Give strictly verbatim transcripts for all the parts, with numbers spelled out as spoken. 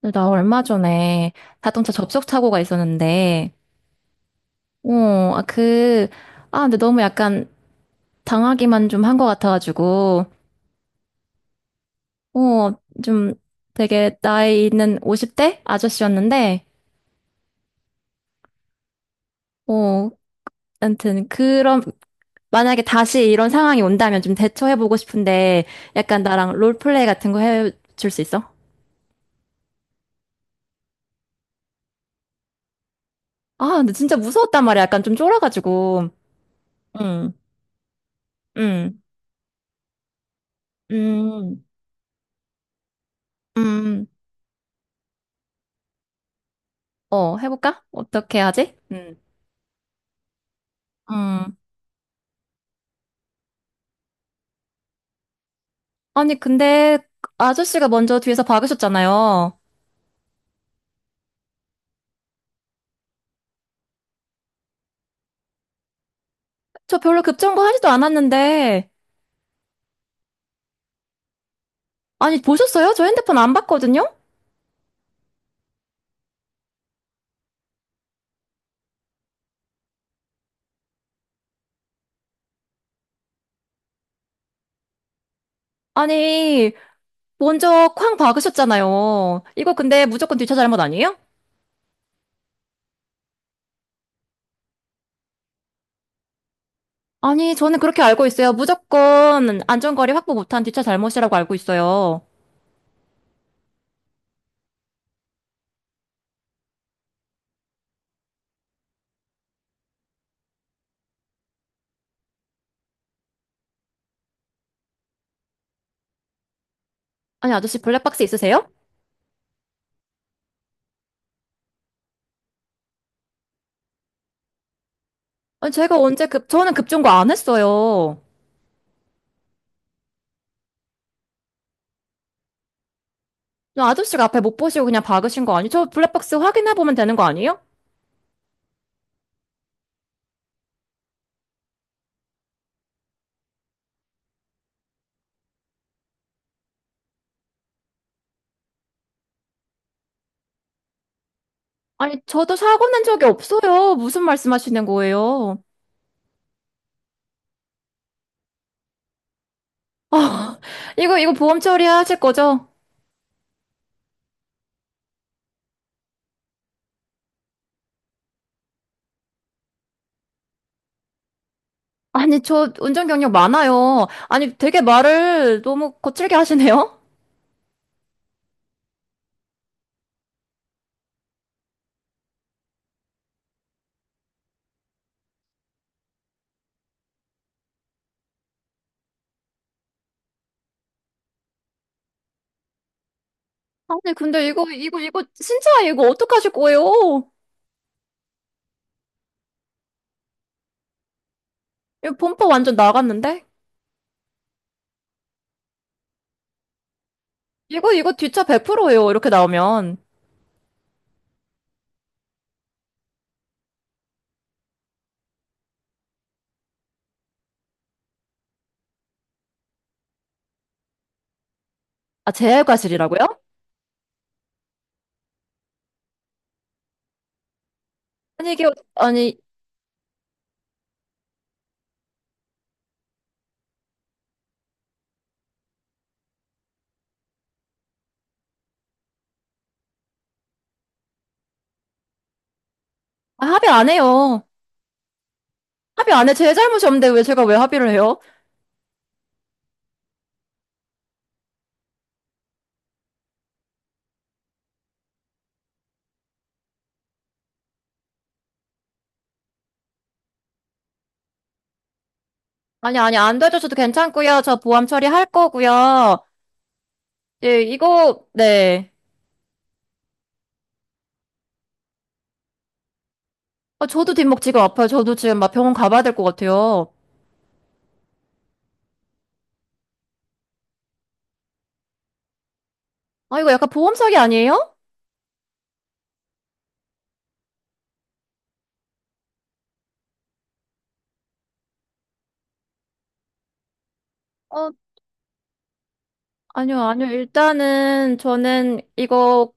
근데 나 얼마 전에 자동차 접속 사고가 있었는데, 어, 아, 그, 아, 근데 너무 약간 당하기만 좀 한 것 같아가지고, 어, 좀 되게 나이 있는 오십 대 아저씨였는데, 어, 아무튼 그런, 만약에 다시 이런 상황이 온다면 좀 대처해보고 싶은데, 약간 나랑 롤플레이 같은 거 해줄 수 있어? 아, 근데 진짜 무서웠단 말이야. 약간 좀 쫄아가지고. 응. 응. 음. 음. 어, 해볼까? 어떻게 하지? 음. 음. 아니, 근데 아저씨가 먼저 뒤에서 박으셨잖아요. 저 별로 급정거 하지도 않았는데. 아니, 보셨어요? 저 핸드폰 안 봤거든요? 아니, 먼저 쾅 박으셨잖아요. 이거 근데 무조건 뒷차 잘못 아니에요? 아니, 저는 그렇게 알고 있어요. 무조건 안전거리 확보 못한 뒷차 잘못이라고 알고 있어요. 아니, 아저씨 블랙박스 있으세요? 아니, 제가 언제 급, 저는 급정거 안 했어요. 아저씨가 앞에 못 보시고 그냥 박으신 거 아니에요? 저 블랙박스 확인해보면 되는 거 아니에요? 아니, 저도 사고 낸 적이 없어요. 무슨 말씀하시는 거예요? 아, 이거, 이거 보험 처리하실 거죠? 아니, 저 운전 경력 많아요. 아니, 되게 말을 너무 거칠게 하시네요? 아니, 근데 이거, 이거, 이거, 진짜 이거 어떡하실 거예요? 이거 범퍼 완전 나갔는데? 이거, 이거 뒷차 백 프로예요. 이렇게 나오면. 아, 제 과실이라고요? 아니, 이게, 아니, 아, 합의 안 해요. 합의 안 해. 제 잘못이 없는데 왜 제가 왜 합의를 해요? 아니, 아니, 안 되죠. 저도 괜찮고요. 저 보험 처리할 거고요. 예, 이거, 네. 아, 저도 뒷목지가 아파요. 저도 지금 막 병원 가봐야 될 것 같아요. 아, 이거 약간 보험 사기 아니에요? 어, 아니요, 아니요. 일단은 저는 이거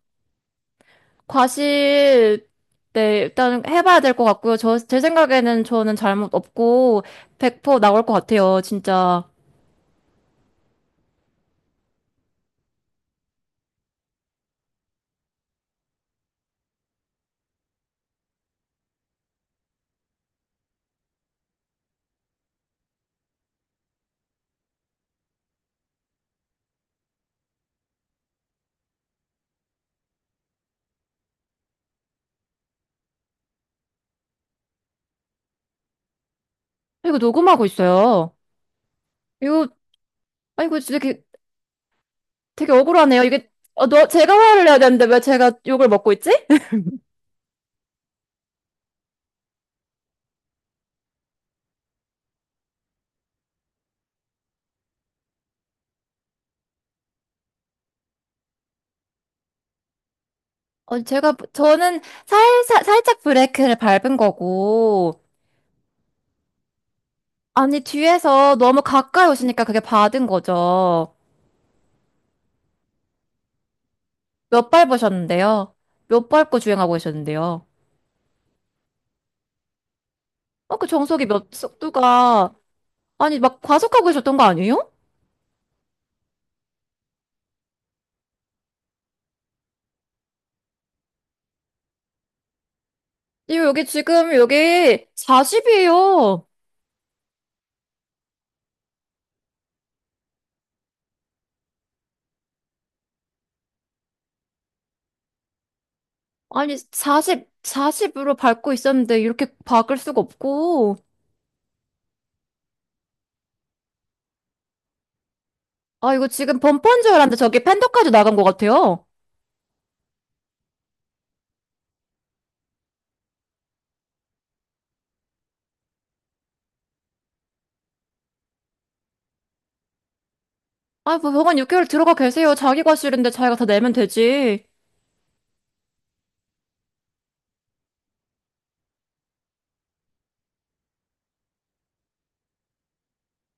과실, 네, 일단 해봐야 될 것 같고요. 저, 제 생각에는 저는 잘못 없고, 백 퍼센트 나올 것 같아요, 진짜. 이거 녹음하고 있어요. 이거, 아, 이거 되게, 되게 억울하네요. 이게, 어, 너, 제가 화를 내야 되는데 왜 제가 욕을 먹고 있지? 어, 제가, 저는 살살, 살짝 브레이크를 밟은 거고, 아니, 뒤에서 너무 가까이 오시니까 그게 받은 거죠. 몇 밟으셨는데요? 몇 밟고 주행하고 계셨는데요? 어, 그 정속이 몇 속도가, 아니, 막 과속하고 계셨던 거 아니에요? 이거 여기 지금, 여기 사십이에요. 아니, 사십, 사십으로 밟고 있었는데, 이렇게 박을 수가 없고, 아, 이거 지금 범퍼인 줄 알았는데, 저기 팬더까지 나간 것 같아요. 아, 뭐, 병원 육 개월 들어가 계세요. 자기 과실인데 자기가 다 내면 되지.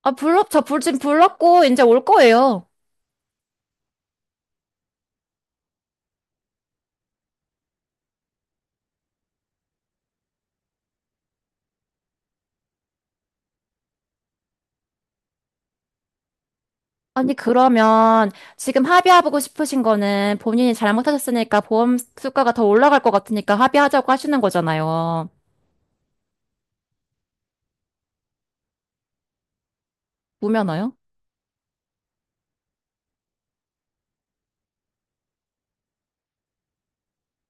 아, 불렀 저 불, 지금 불렀고, 이제 올 거예요. 아니, 그러면, 지금 합의하고 싶으신 거는 본인이 잘못하셨으니까 보험 수가가 더 올라갈 것 같으니까 합의하자고 하시는 거잖아요. 무면허요?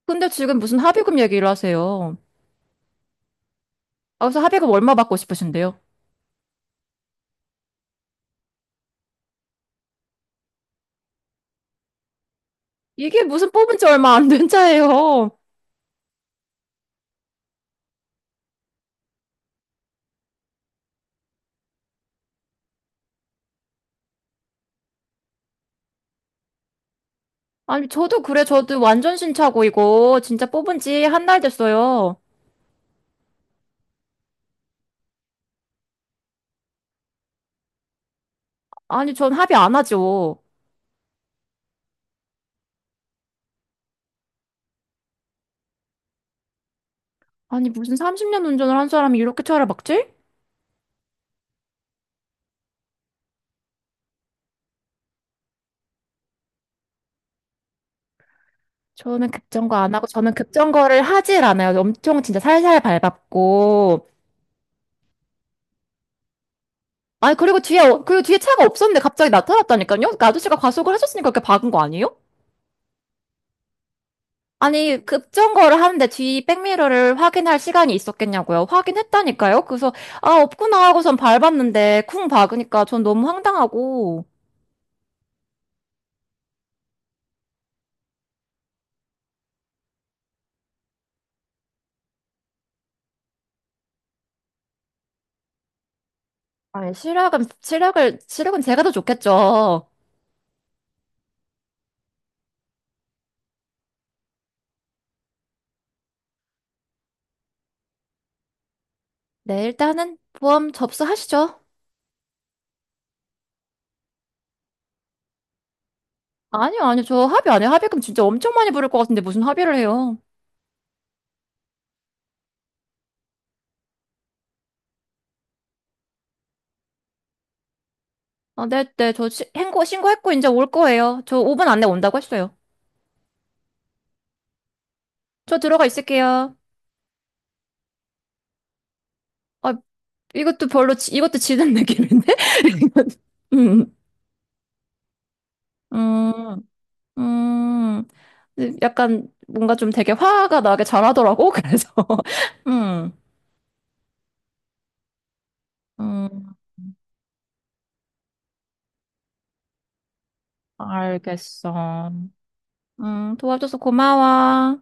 근데 지금 무슨 합의금 얘기를 하세요. 아, 그래서 합의금 얼마 받고 싶으신데요? 이게 무슨 뽑은 지 얼마 안 된 차예요. 아니, 저도 그래, 저도 완전 신차고, 이거. 진짜 뽑은 지 한 달 됐어요. 아니, 전 합의 안 하죠. 아니, 무슨 삼십 년 운전을 한 사람이 이렇게 차를 막지? 저는 급정거 안 하고, 저는 급정거를 하질 않아요. 엄청 진짜 살살 밟았고. 아니, 그리고 뒤에, 어- 그리고 뒤에 차가 없었는데 갑자기 나타났다니까요? 그 아저씨가 과속을 하셨으니까 그렇게 박은 거 아니에요? 아니, 급정거를 하는데 뒤 백미러를 확인할 시간이 있었겠냐고요? 확인했다니까요? 그래서, 아, 없구나 하고선 밟았는데, 쿵 박으니까 전 너무 황당하고. 아니, 실력은, 실력을, 실력은 제가 더 좋겠죠. 네, 일단은 보험 접수하시죠. 아니요, 아니요. 저 합의 안 해요. 합의금 진짜 엄청 많이 부를 것 같은데 무슨 합의를 해요? 아, 네, 네. 저 시- 행고, 신고했고 이제 올 거예요. 저 오 분 안에 온다고 했어요. 저 들어가 있을게요. 아, 이것도 별로, 지- 이것도 지는 느낌인데? 음, 음, 음. 근데 약간 뭔가 좀 되게 화가 나게 잘하더라고. 그래서, 음, 음. 알겠어. 음, 도와줘서 고마워.